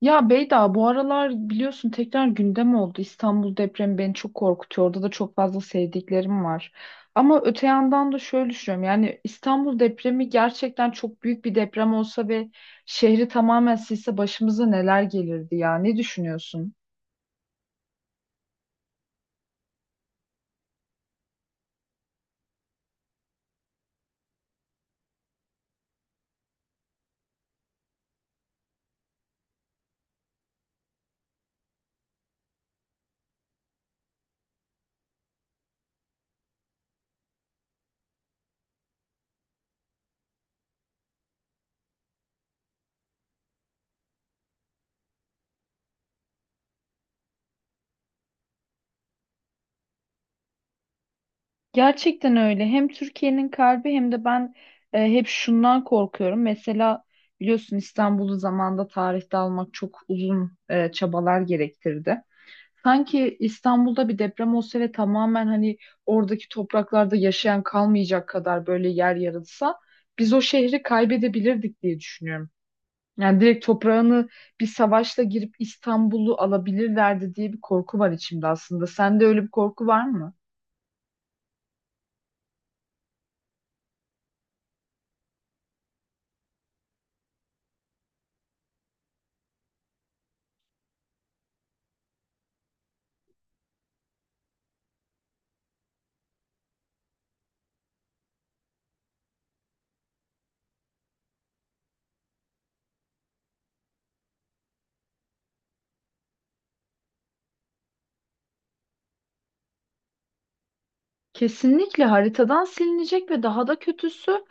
Ya Beyda bu aralar biliyorsun tekrar gündem oldu. İstanbul depremi beni çok korkutuyor. Orada da çok fazla sevdiklerim var. Ama öte yandan da şöyle düşünüyorum. Yani İstanbul depremi gerçekten çok büyük bir deprem olsa ve şehri tamamen silse başımıza neler gelirdi ya? Ne düşünüyorsun? Gerçekten öyle. Hem Türkiye'nin kalbi hem de ben hep şundan korkuyorum. Mesela biliyorsun İstanbul'u zamanda tarihte almak çok uzun çabalar gerektirdi. Sanki İstanbul'da bir deprem olsa ve tamamen hani oradaki topraklarda yaşayan kalmayacak kadar böyle yer yarılsa biz o şehri kaybedebilirdik diye düşünüyorum. Yani direkt toprağını bir savaşla girip İstanbul'u alabilirlerdi diye bir korku var içimde aslında. Sende öyle bir korku var mı? Kesinlikle haritadan silinecek ve daha da kötüsü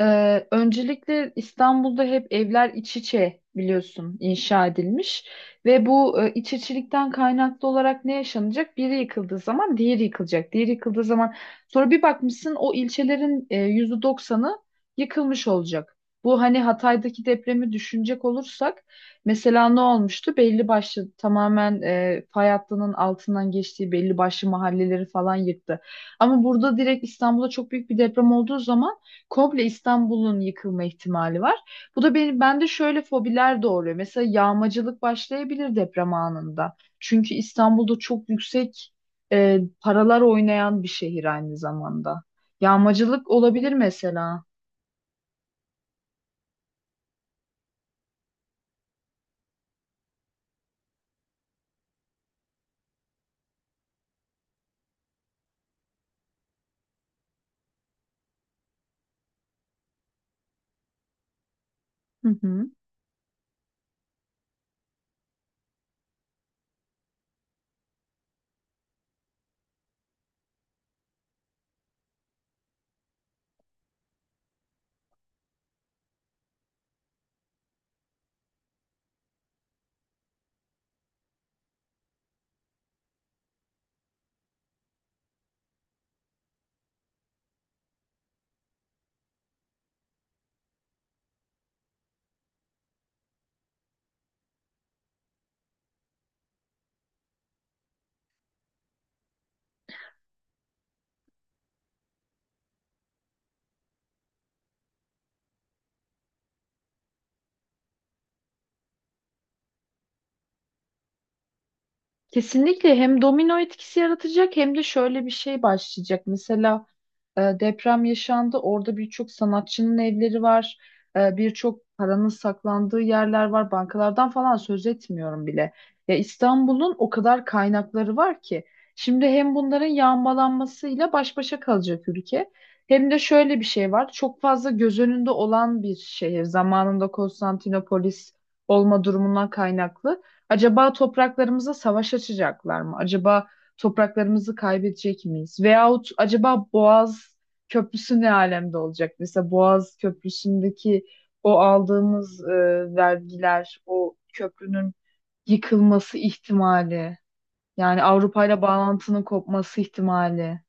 öncelikle İstanbul'da hep evler iç içe biliyorsun inşa edilmiş ve bu iç içilikten kaynaklı olarak ne yaşanacak? Biri yıkıldığı zaman diğeri yıkılacak. Diğeri yıkıldığı zaman sonra bir bakmışsın o ilçelerin %90'ı yıkılmış olacak. Bu hani Hatay'daki depremi düşünecek olursak mesela ne olmuştu? Belli başlı tamamen fay hattının altından geçtiği belli başlı mahalleleri falan yıktı. Ama burada direkt İstanbul'da çok büyük bir deprem olduğu zaman komple İstanbul'un yıkılma ihtimali var. Bu da benim bende şöyle fobiler doğuruyor. Mesela yağmacılık başlayabilir deprem anında. Çünkü İstanbul'da çok yüksek paralar oynayan bir şehir aynı zamanda. Yağmacılık olabilir mesela. Hı hı. Kesinlikle hem domino etkisi yaratacak hem de şöyle bir şey başlayacak. Mesela deprem yaşandı. Orada birçok sanatçının evleri var. Birçok paranın saklandığı yerler var. Bankalardan falan söz etmiyorum bile. Ya İstanbul'un o kadar kaynakları var ki. Şimdi hem bunların yağmalanmasıyla baş başa kalacak ülke. Hem de şöyle bir şey var. Çok fazla göz önünde olan bir şehir. Zamanında Konstantinopolis olma durumundan kaynaklı. Acaba topraklarımıza savaş açacaklar mı? Acaba topraklarımızı kaybedecek miyiz? Veyahut acaba Boğaz Köprüsü ne alemde olacak? Mesela Boğaz Köprüsü'ndeki o aldığımız vergiler, o köprünün yıkılması ihtimali, yani Avrupa ile bağlantının kopması ihtimali.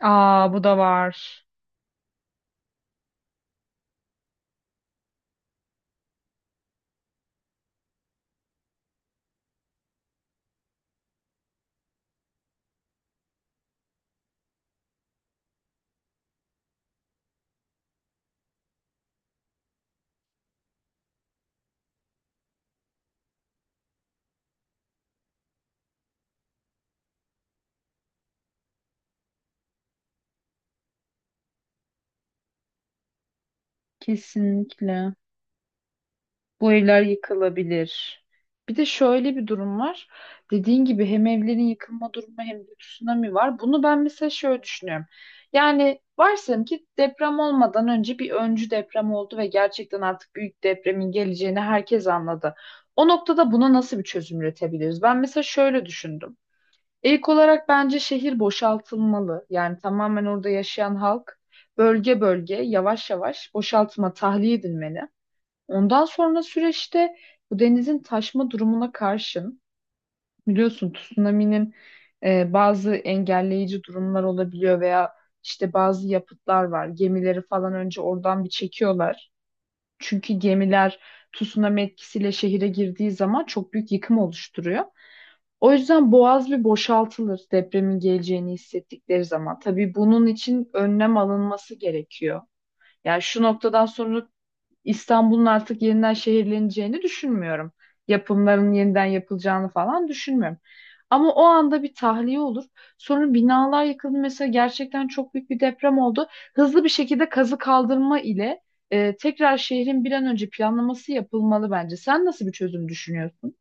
Aa bu da var. Kesinlikle. Bu evler yıkılabilir. Bir de şöyle bir durum var. Dediğin gibi hem evlerin yıkılma durumu hem de tsunami var. Bunu ben mesela şöyle düşünüyorum. Yani varsayalım ki deprem olmadan önce bir öncü deprem oldu ve gerçekten artık büyük depremin geleceğini herkes anladı. O noktada buna nasıl bir çözüm üretebiliriz? Ben mesela şöyle düşündüm. İlk olarak bence şehir boşaltılmalı. Yani tamamen orada yaşayan halk bölge bölge yavaş yavaş boşaltma tahliye edilmeli. Ondan sonra süreçte bu denizin taşma durumuna karşın biliyorsun tsunami'nin bazı engelleyici durumlar olabiliyor veya işte bazı yapıtlar var. Gemileri falan önce oradan bir çekiyorlar. Çünkü gemiler tsunami etkisiyle şehire girdiği zaman çok büyük yıkım oluşturuyor. O yüzden boğaz bir boşaltılır depremin geleceğini hissettikleri zaman. Tabii bunun için önlem alınması gerekiyor. Yani şu noktadan sonra İstanbul'un artık yeniden şehirleneceğini düşünmüyorum. Yapımların yeniden yapılacağını falan düşünmüyorum. Ama o anda bir tahliye olur. Sonra binalar yıkıldı. Mesela gerçekten çok büyük bir deprem oldu. Hızlı bir şekilde kazı kaldırma ile tekrar şehrin bir an önce planlaması yapılmalı bence. Sen nasıl bir çözüm düşünüyorsun?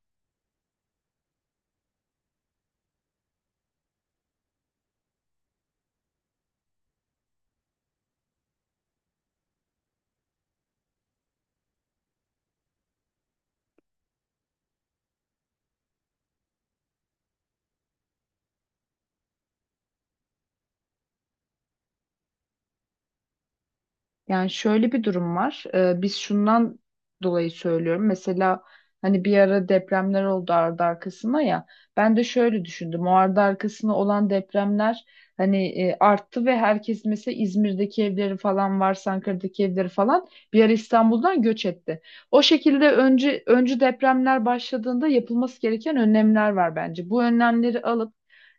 Yani şöyle bir durum var. Biz şundan dolayı söylüyorum. Mesela hani bir ara depremler oldu ardı arkasına ya. Ben de şöyle düşündüm. O ardı arkasına olan depremler hani arttı ve herkes mesela İzmir'deki evleri falan varsa Ankara'daki evleri falan bir ara İstanbul'dan göç etti. O şekilde önce öncü depremler başladığında yapılması gereken önlemler var bence. Bu önlemleri alıp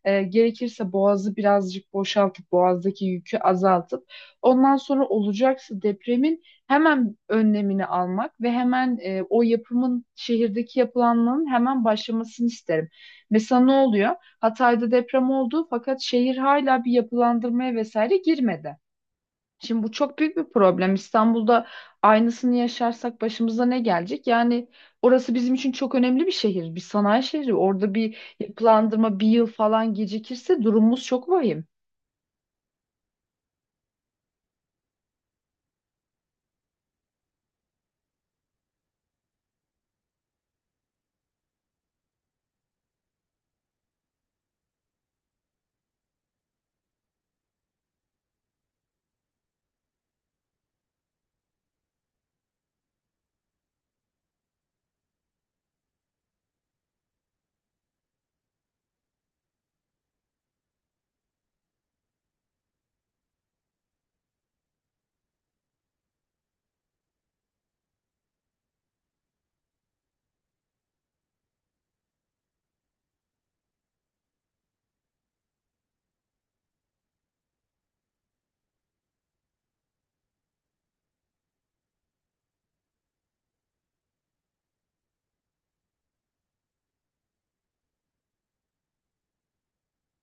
gerekirse boğazı birazcık boşaltıp boğazdaki yükü azaltıp ondan sonra olacaksa depremin hemen önlemini almak ve hemen o yapımın şehirdeki yapılanmanın hemen başlamasını isterim. Mesela ne oluyor? Hatay'da deprem oldu fakat şehir hala bir yapılandırmaya vesaire girmedi. Şimdi bu çok büyük bir problem. İstanbul'da aynısını yaşarsak başımıza ne gelecek? Yani orası bizim için çok önemli bir şehir, bir sanayi şehri. Orada bir yapılandırma bir yıl falan gecikirse durumumuz çok vahim.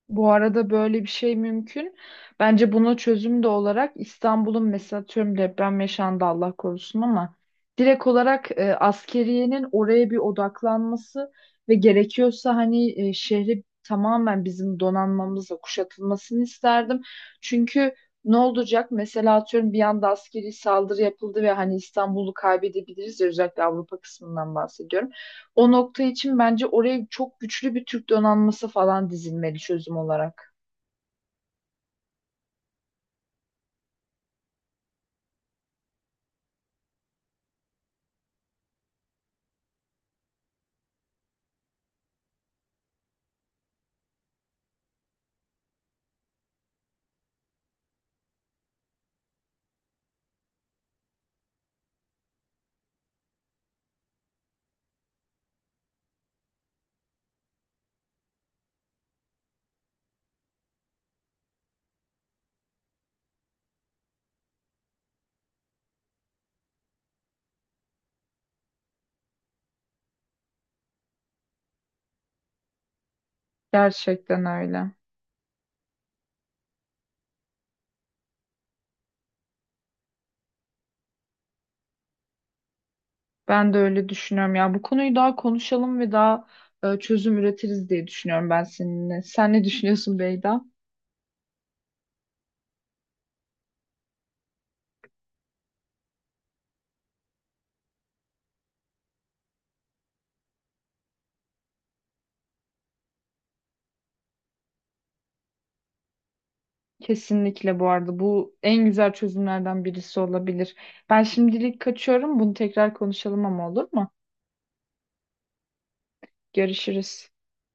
Bu arada böyle bir şey mümkün. Bence buna çözüm de olarak İstanbul'un mesela atıyorum deprem yaşandı Allah korusun ama direkt olarak askeriyenin oraya bir odaklanması ve gerekiyorsa hani şehri tamamen bizim donanmamızla kuşatılmasını isterdim. Çünkü ne olacak? Mesela atıyorum bir anda askeri saldırı yapıldı ve hani İstanbul'u kaybedebiliriz ya, özellikle Avrupa kısmından bahsediyorum. O nokta için bence oraya çok güçlü bir Türk donanması falan dizilmeli çözüm olarak. Gerçekten öyle. Ben de öyle düşünüyorum. Ya bu konuyu daha konuşalım ve daha çözüm üretiriz diye düşünüyorum ben seninle. Sen ne düşünüyorsun Beyda? Kesinlikle bu arada bu en güzel çözümlerden birisi olabilir. Ben şimdilik kaçıyorum. Bunu tekrar konuşalım ama olur mu? Görüşürüz.